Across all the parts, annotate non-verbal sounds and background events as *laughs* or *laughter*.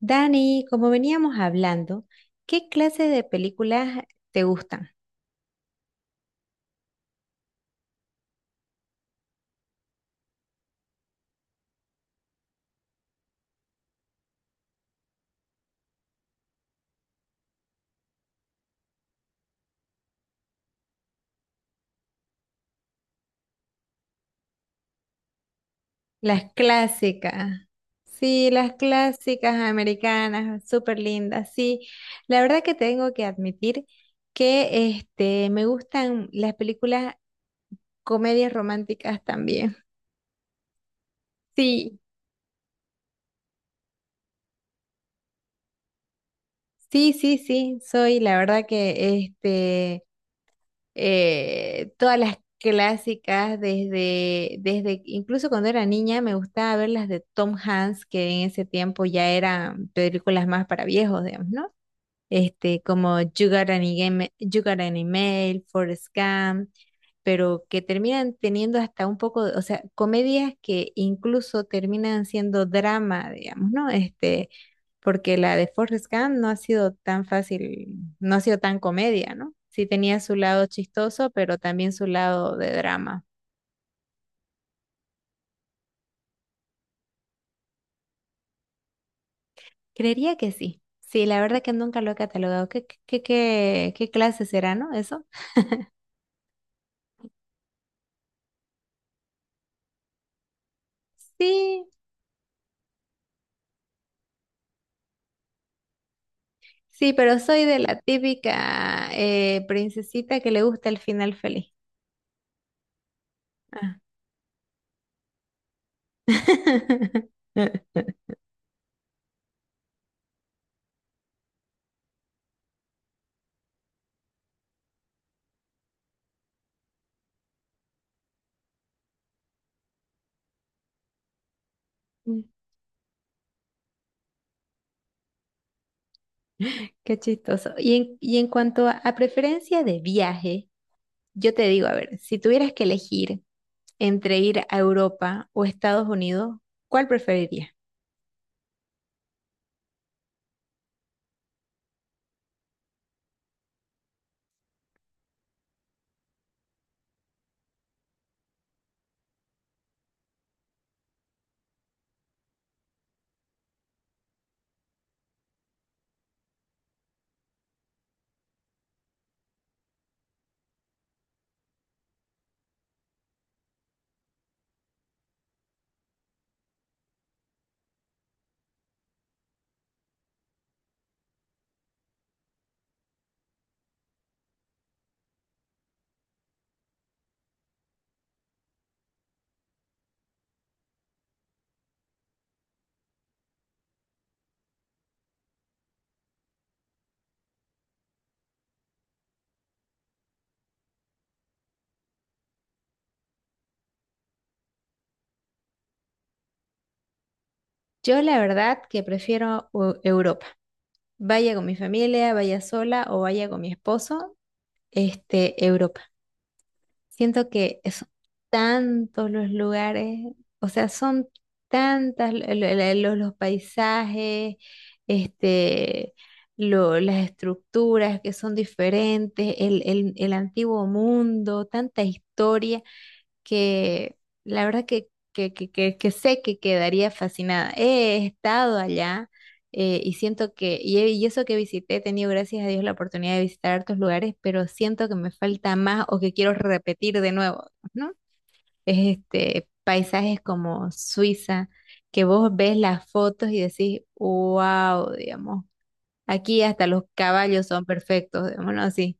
Dani, como veníamos hablando, ¿qué clase de películas te gustan? Las clásicas. Sí, las clásicas americanas, súper lindas. Sí, la verdad que tengo que admitir que me gustan las películas comedias románticas también. Sí, sí, sí, sí, soy la verdad que todas las clásicas desde, incluso cuando era niña me gustaba ver las de Tom Hanks, que en ese tiempo ya eran películas más para viejos, digamos, ¿no? Este, como You Got an Email, You Got an Email, Forrest Gump, pero que terminan teniendo hasta un poco, o sea, comedias que incluso terminan siendo drama, digamos, ¿no? Este, porque la de Forrest Gump no ha sido tan fácil, no ha sido tan comedia, ¿no? Sí tenía su lado chistoso, pero también su lado de drama. Creería que sí. Sí, la verdad que nunca lo he catalogado. ¿Qué clase será, no? Eso. Sí, sí, pero soy de la típica princesita que le gusta el final feliz. Ah. *laughs* Mm, qué chistoso. Y y en cuanto a preferencia de viaje, yo te digo, a ver, si tuvieras que elegir entre ir a Europa o Estados Unidos, ¿cuál preferiría? Yo la verdad que prefiero Europa. Vaya con mi familia, vaya sola o vaya con mi esposo, este, Europa. Siento que son tantos los lugares, o sea, son tantas los paisajes, este, las estructuras que son diferentes, el el antiguo mundo, tanta historia que la verdad que sé que quedaría fascinada. He estado allá y siento y eso que visité, he tenido gracias a Dios la oportunidad de visitar hartos lugares, pero siento que me falta más o que quiero repetir de nuevo, ¿no? Es este, paisajes como Suiza, que vos ves las fotos y decís, wow, digamos, aquí hasta los caballos son perfectos, digámoslo así.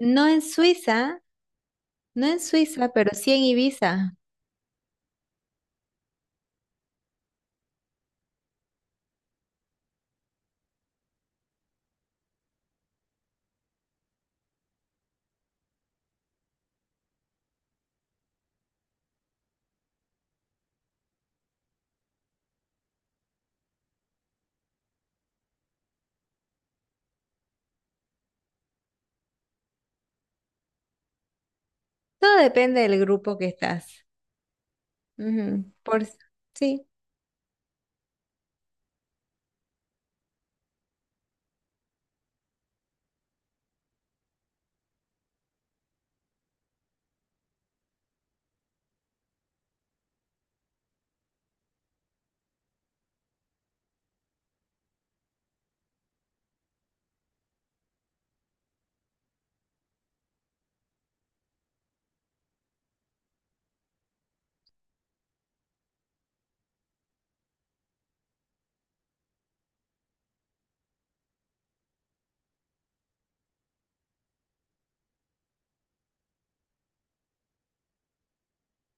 No en Suiza, no en Suiza, pero sí en Ibiza. Todo depende del grupo que estás. Ujú. Por, sí,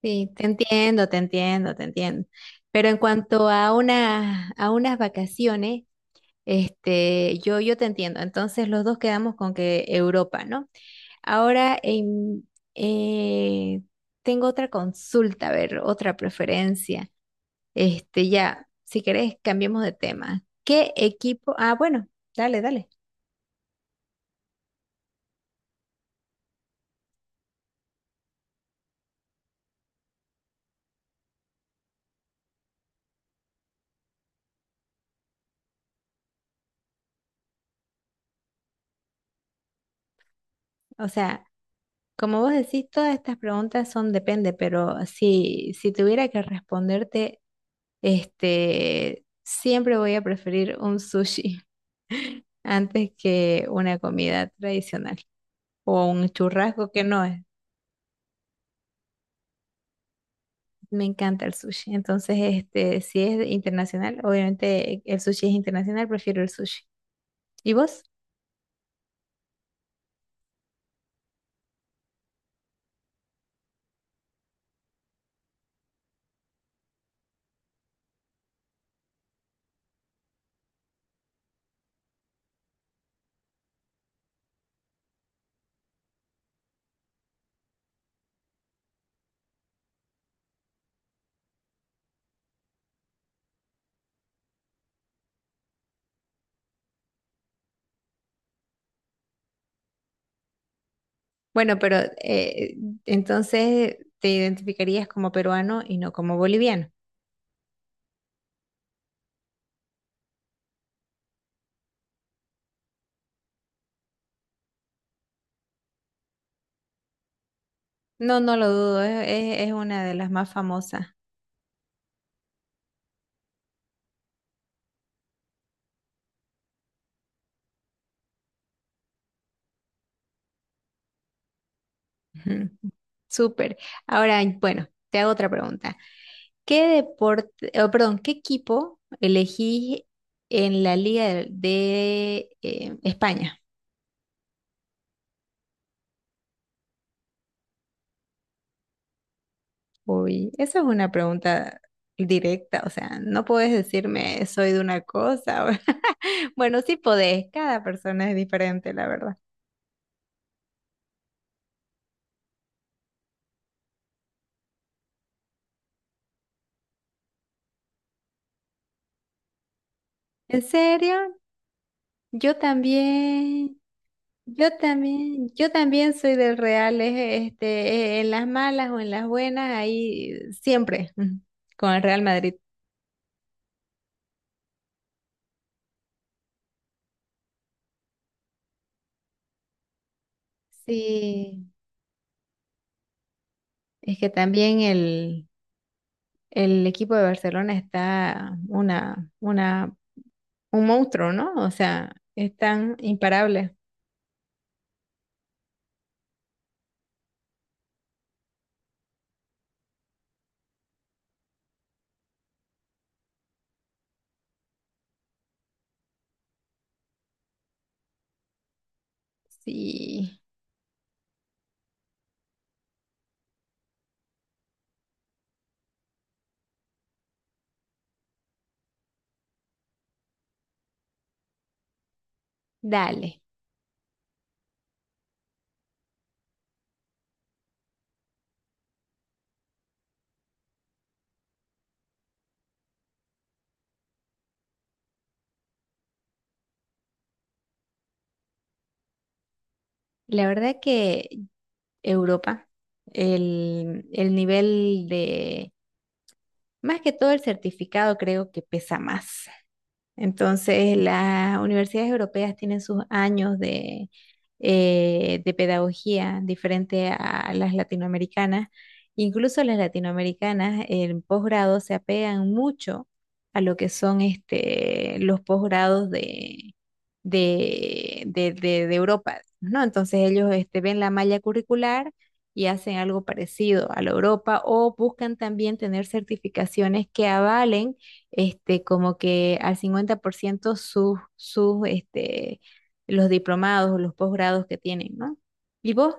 sí, te entiendo, te entiendo, te entiendo. Pero en cuanto a una, a unas vacaciones, este, yo te entiendo. Entonces los dos quedamos con que Europa, ¿no? Ahora eh, tengo otra consulta, a ver, otra preferencia. Este, ya, si querés, cambiemos de tema. ¿Qué equipo? Ah, bueno, dale, dale. O sea, como vos decís, todas estas preguntas son depende, pero si tuviera que responderte, este, siempre voy a preferir un sushi *laughs* antes que una comida tradicional o un churrasco que no es. Me encanta el sushi. Entonces, este, si es internacional, obviamente el sushi es internacional, prefiero el sushi. ¿Y vos? Bueno, pero eh, entonces te identificarías como peruano y no como boliviano. No, no lo dudo, es es una de las más famosas. Ujú. Súper. Ahora, bueno, te hago otra pregunta. ¿Qué deporte, oh, perdón, qué equipo elegís en la Liga España? Uy, esa es una pregunta directa, o sea, no puedes decirme soy de una cosa. O- *laughs* Bueno, sí podés, cada persona es diferente, la verdad. ¿En serio? Yo también. Yo también, yo también soy del Real, en las malas o en las buenas, ahí siempre mm, con el Real Madrid. Sí, es que también el equipo de Barcelona está un monstruo, ¿no? O sea, están imparables. Sí, dale. La verdad que Europa, el nivel de, más que todo el certificado creo que pesa más. Entonces, las universidades europeas tienen sus años de pedagogía diferente a las latinoamericanas. Incluso las latinoamericanas en posgrado se apegan mucho a lo que son este, los posgrados de Europa, ¿no? Entonces ellos este, ven la malla curricular y hacen algo parecido a la Europa o buscan también tener certificaciones que avalen este, como que al 50% los diplomados o los posgrados que tienen, ¿no? ¿Y vos?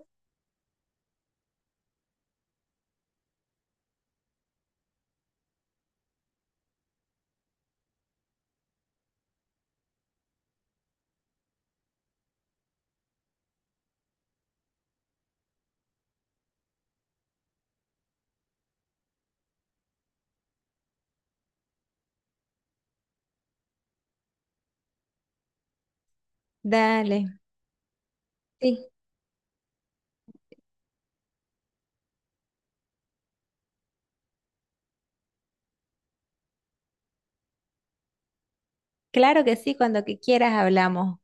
Dale. Sí, claro que sí, cuando que quieras hablamos.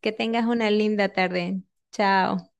Que tengas una linda tarde. Chao.